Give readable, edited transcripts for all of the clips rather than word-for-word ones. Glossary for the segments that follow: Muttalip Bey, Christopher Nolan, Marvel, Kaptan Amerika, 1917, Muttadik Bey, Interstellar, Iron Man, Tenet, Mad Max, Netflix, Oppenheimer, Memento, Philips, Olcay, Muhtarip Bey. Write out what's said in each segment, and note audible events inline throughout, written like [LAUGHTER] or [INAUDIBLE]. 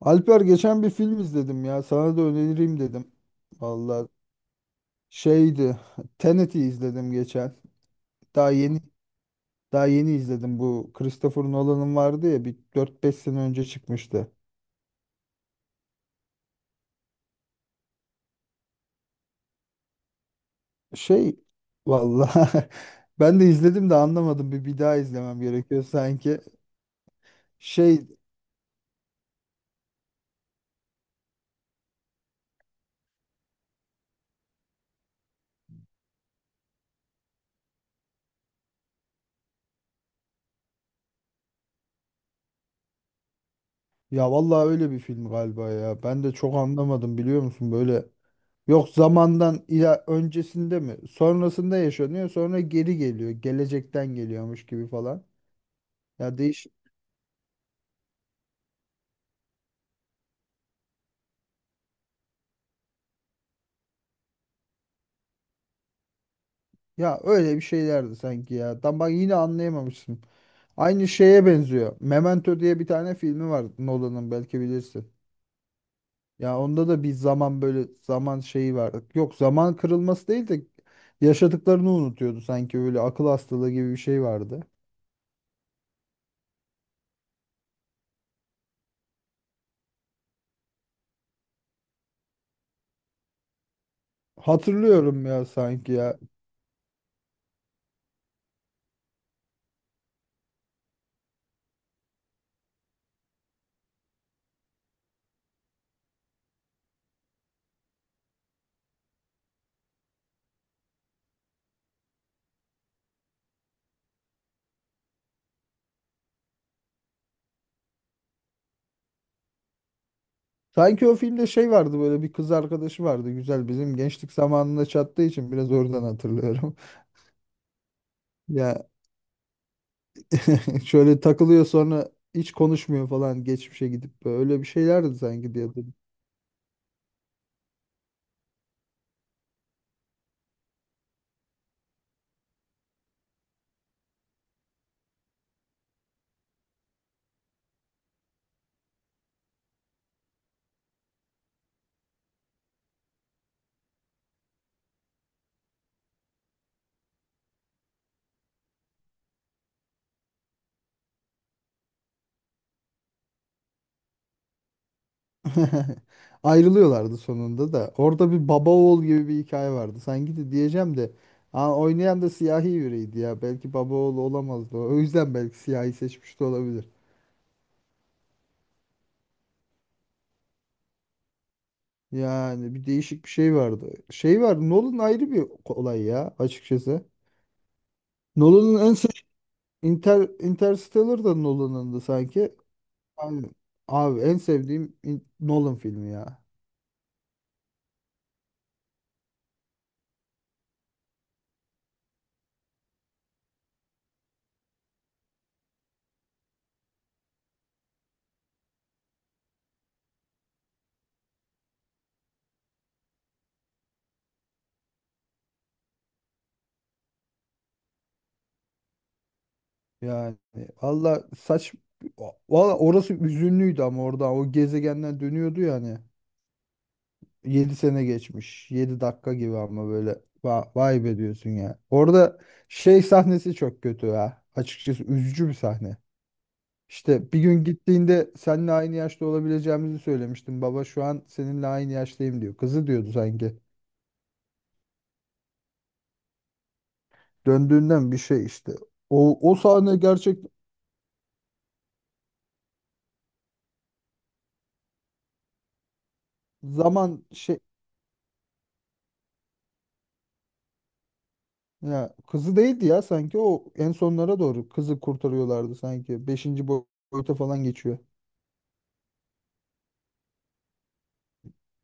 Alper, geçen bir film izledim ya. Sana da önereyim dedim. Vallahi şeydi. Tenet'i izledim geçen. Daha yeni daha yeni izledim. Bu Christopher Nolan'ın vardı ya, bir dört beş sene önce çıkmıştı. Şey Vallahi [LAUGHS] ben de izledim de anlamadım. Bir daha izlemem gerekiyor sanki. Şey Ya vallahi öyle bir film galiba ya. Ben de çok anlamadım, biliyor musun, böyle. Yok, zamandan ila öncesinde mi? Sonrasında yaşanıyor. Sonra geri geliyor. Gelecekten geliyormuş gibi falan. Ya değiş Ya öyle bir şeylerdi sanki ya. Tam bak, yine anlayamamışsın. Aynı şeye benziyor. Memento diye bir tane filmi var Nolan'ın, belki bilirsin. Ya onda da bir zaman, böyle zaman şeyi vardı. Yok, zaman kırılması değil de yaşadıklarını unutuyordu sanki, böyle akıl hastalığı gibi bir şey vardı. Hatırlıyorum ya sanki ya. Sanki o filmde şey vardı, böyle bir kız arkadaşı vardı güzel, bizim gençlik zamanında çattığı için biraz oradan hatırlıyorum. [LAUGHS] Ya, [LAUGHS] şöyle takılıyor sonra hiç konuşmuyor falan, geçmişe gidip böyle bir şeylerdi sanki diye hatırlıyorum. [LAUGHS] Ayrılıyorlardı sonunda da. Orada bir baba oğul gibi bir hikaye vardı. Sanki de diyeceğim de, aa, oynayan da siyahi biriydi ya. Belki baba oğlu olamazdı. O yüzden belki siyahi seçmiş de olabilir. Yani bir değişik bir şey vardı. Şey vardı. Nolan ayrı bir olay ya, açıkçası. Nolan'ın en sev Interstellar da Nolan'ındı sanki. Abi, abi, en sevdiğim Nolan filmi ya. Yani valla saç valla orası üzünlüydü, ama orada o gezegenden dönüyordu yani. 7 sene geçmiş, 7 dakika gibi, ama böyle vay be diyorsun ya. Orada şey sahnesi çok kötü ya. Açıkçası üzücü bir sahne. İşte bir gün gittiğinde seninle aynı yaşta olabileceğimizi söylemiştim. Baba, şu an seninle aynı yaştayım diyor. Kızı diyordu sanki. Döndüğünden bir şey işte. O sahne gerçek zaman şey, ya kızı değildi ya sanki, o en sonlara doğru kızı kurtarıyorlardı sanki. Beşinci boyuta falan geçiyor.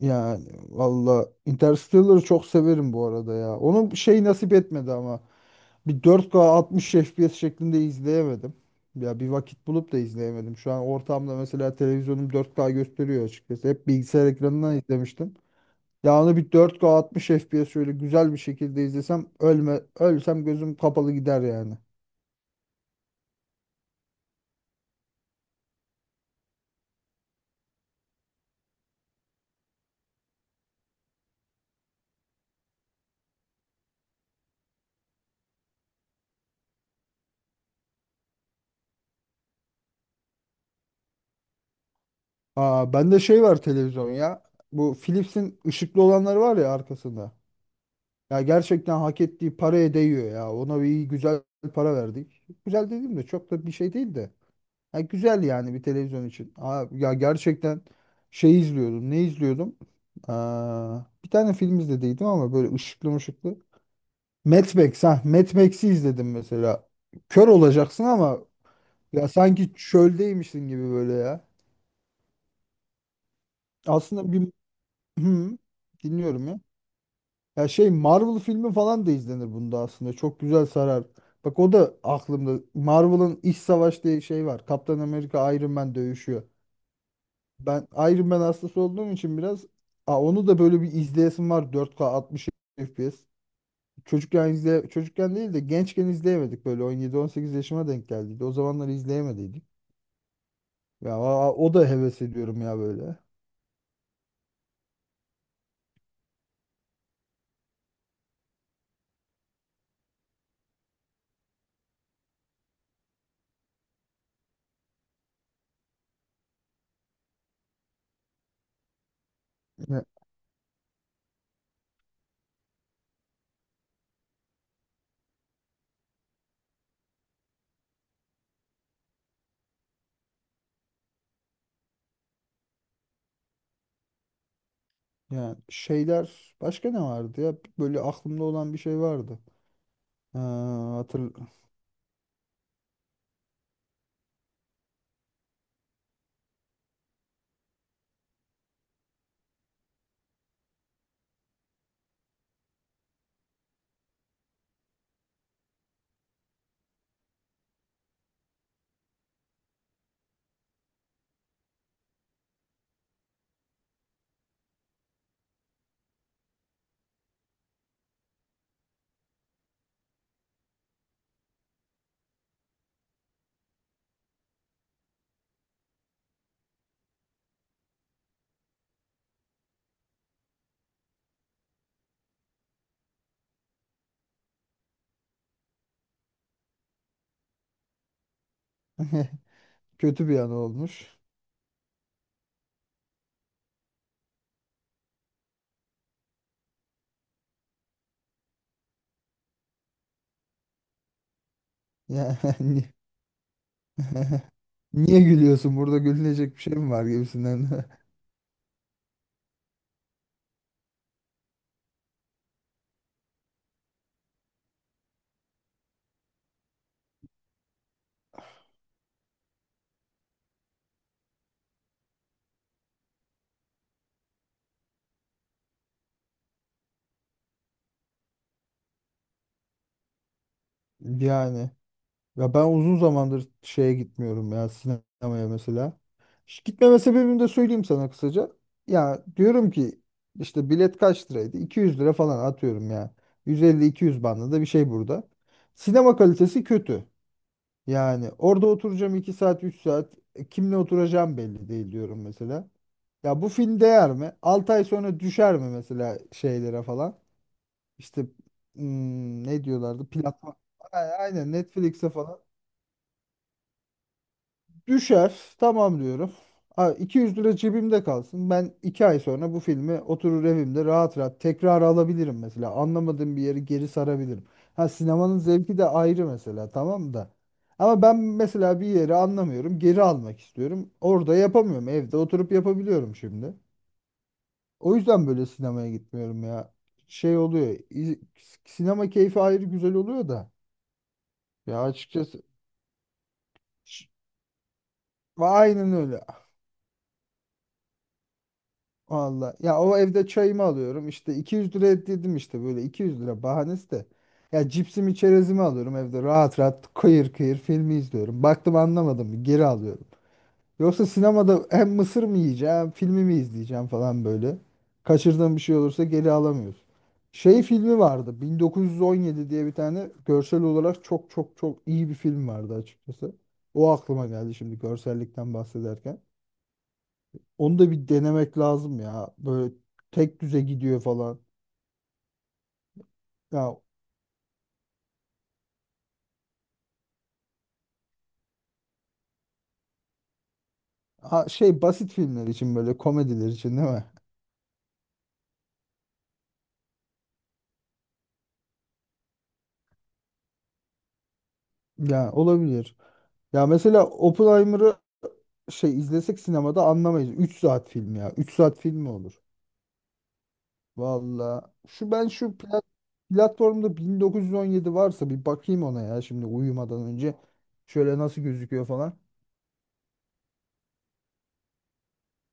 Yani valla Interstellar'ı çok severim bu arada ya. Onun şey nasip etmedi ama. Bir 4K 60 FPS şeklinde izleyemedim. Ya bir vakit bulup da izleyemedim. Şu an ortamda mesela televizyonum 4K gösteriyor açıkçası. Hep bilgisayar ekranından izlemiştim. Ya onu bir 4K 60 FPS şöyle güzel bir şekilde izlesem, ölsem gözüm kapalı gider yani. Aa, bende şey var televizyon ya. Bu Philips'in ışıklı olanları var ya, arkasında. Ya gerçekten hak ettiği paraya değiyor ya. Ona bir iyi, güzel para verdik. Güzel dediğim de çok da bir şey değil de. Ya güzel yani bir televizyon için. Aa, ya gerçekten şey izliyordum. Ne izliyordum? Aa, bir tane film izlediydim ama böyle ışıklı mışıklı. Mad Max ha. Mad Max'i izledim mesela. Kör olacaksın ama ya sanki çöldeymişsin gibi böyle ya. Aslında bir. Hı, dinliyorum ya. Ya şey Marvel filmi falan da izlenir bunda aslında. Çok güzel sarar. Bak, o da aklımda. Marvel'ın İç Savaş diye şey var. Kaptan Amerika Iron Man dövüşüyor. Ben Iron Man hastası olduğum için biraz, aa, onu da böyle bir izleyesim var 4K 60 FPS. Çocukken değil de gençken izleyemedik, böyle 17-18 yaşıma denk geldiydi. O zamanlar izleyemediydik. Ya aa, o da heves ediyorum ya böyle. Ya, ya şeyler başka ne vardı ya? Böyle aklımda olan bir şey vardı. Ha, hatırl [LAUGHS] Kötü bir an olmuş. Yani, [LAUGHS] niye gülüyorsun? Burada gülünecek bir şey mi var gibisinden. [LAUGHS] Yani ya ben uzun zamandır şeye gitmiyorum ya, sinemaya mesela. Gitmeme sebebimi de söyleyeyim sana kısaca. Ya diyorum ki, işte bilet kaç liraydı? 200 lira falan atıyorum ya. 150-200 bandında bir şey burada. Sinema kalitesi kötü. Yani orada oturacağım 2 saat, 3 saat. E, kimle oturacağım belli değil diyorum mesela. Ya bu film değer mi? 6 ay sonra düşer mi mesela şeylere falan? İşte ne diyorlardı? Platform. Aynen Netflix'e falan. Düşer. Tamam diyorum. Ha, 200 lira cebimde kalsın. Ben 2 ay sonra bu filmi oturur evimde rahat rahat tekrar alabilirim mesela. Anlamadığım bir yeri geri sarabilirim. Ha, sinemanın zevki de ayrı mesela, tamam da. Ama ben mesela bir yeri anlamıyorum. Geri almak istiyorum. Orada yapamıyorum. Evde oturup yapabiliyorum şimdi. O yüzden böyle sinemaya gitmiyorum ya. Şey oluyor. Sinema keyfi ayrı güzel oluyor da. Ya açıkçası, ş- aynen öyle. Valla. Ya, o evde çayımı alıyorum. İşte 200 lira dedim işte, böyle 200 lira bahanesi de. Ya cipsimi, çerezimi alıyorum evde rahat rahat kıyır kıyır filmi izliyorum. Baktım anlamadım geri alıyorum. Yoksa sinemada hem mısır mı yiyeceğim, filmi mi izleyeceğim falan böyle. Kaçırdığım bir şey olursa geri alamıyoruz. Şey filmi vardı. 1917 diye bir tane görsel olarak çok çok çok iyi bir film vardı, açıkçası. O aklıma geldi şimdi görsellikten bahsederken. Onu da bir denemek lazım ya. Böyle tek düze gidiyor falan. Ya şey basit filmler için, böyle komediler için değil mi? Ya olabilir. Ya mesela Oppenheimer'ı şey izlesek sinemada anlamayız. 3 saat film ya. 3 saat film mi olur? Valla. Şu ben şu platformda 1917 varsa bir bakayım ona ya, şimdi uyumadan önce. Şöyle nasıl gözüküyor falan.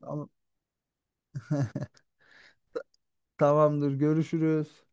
Tamam, tamamdır. Görüşürüz.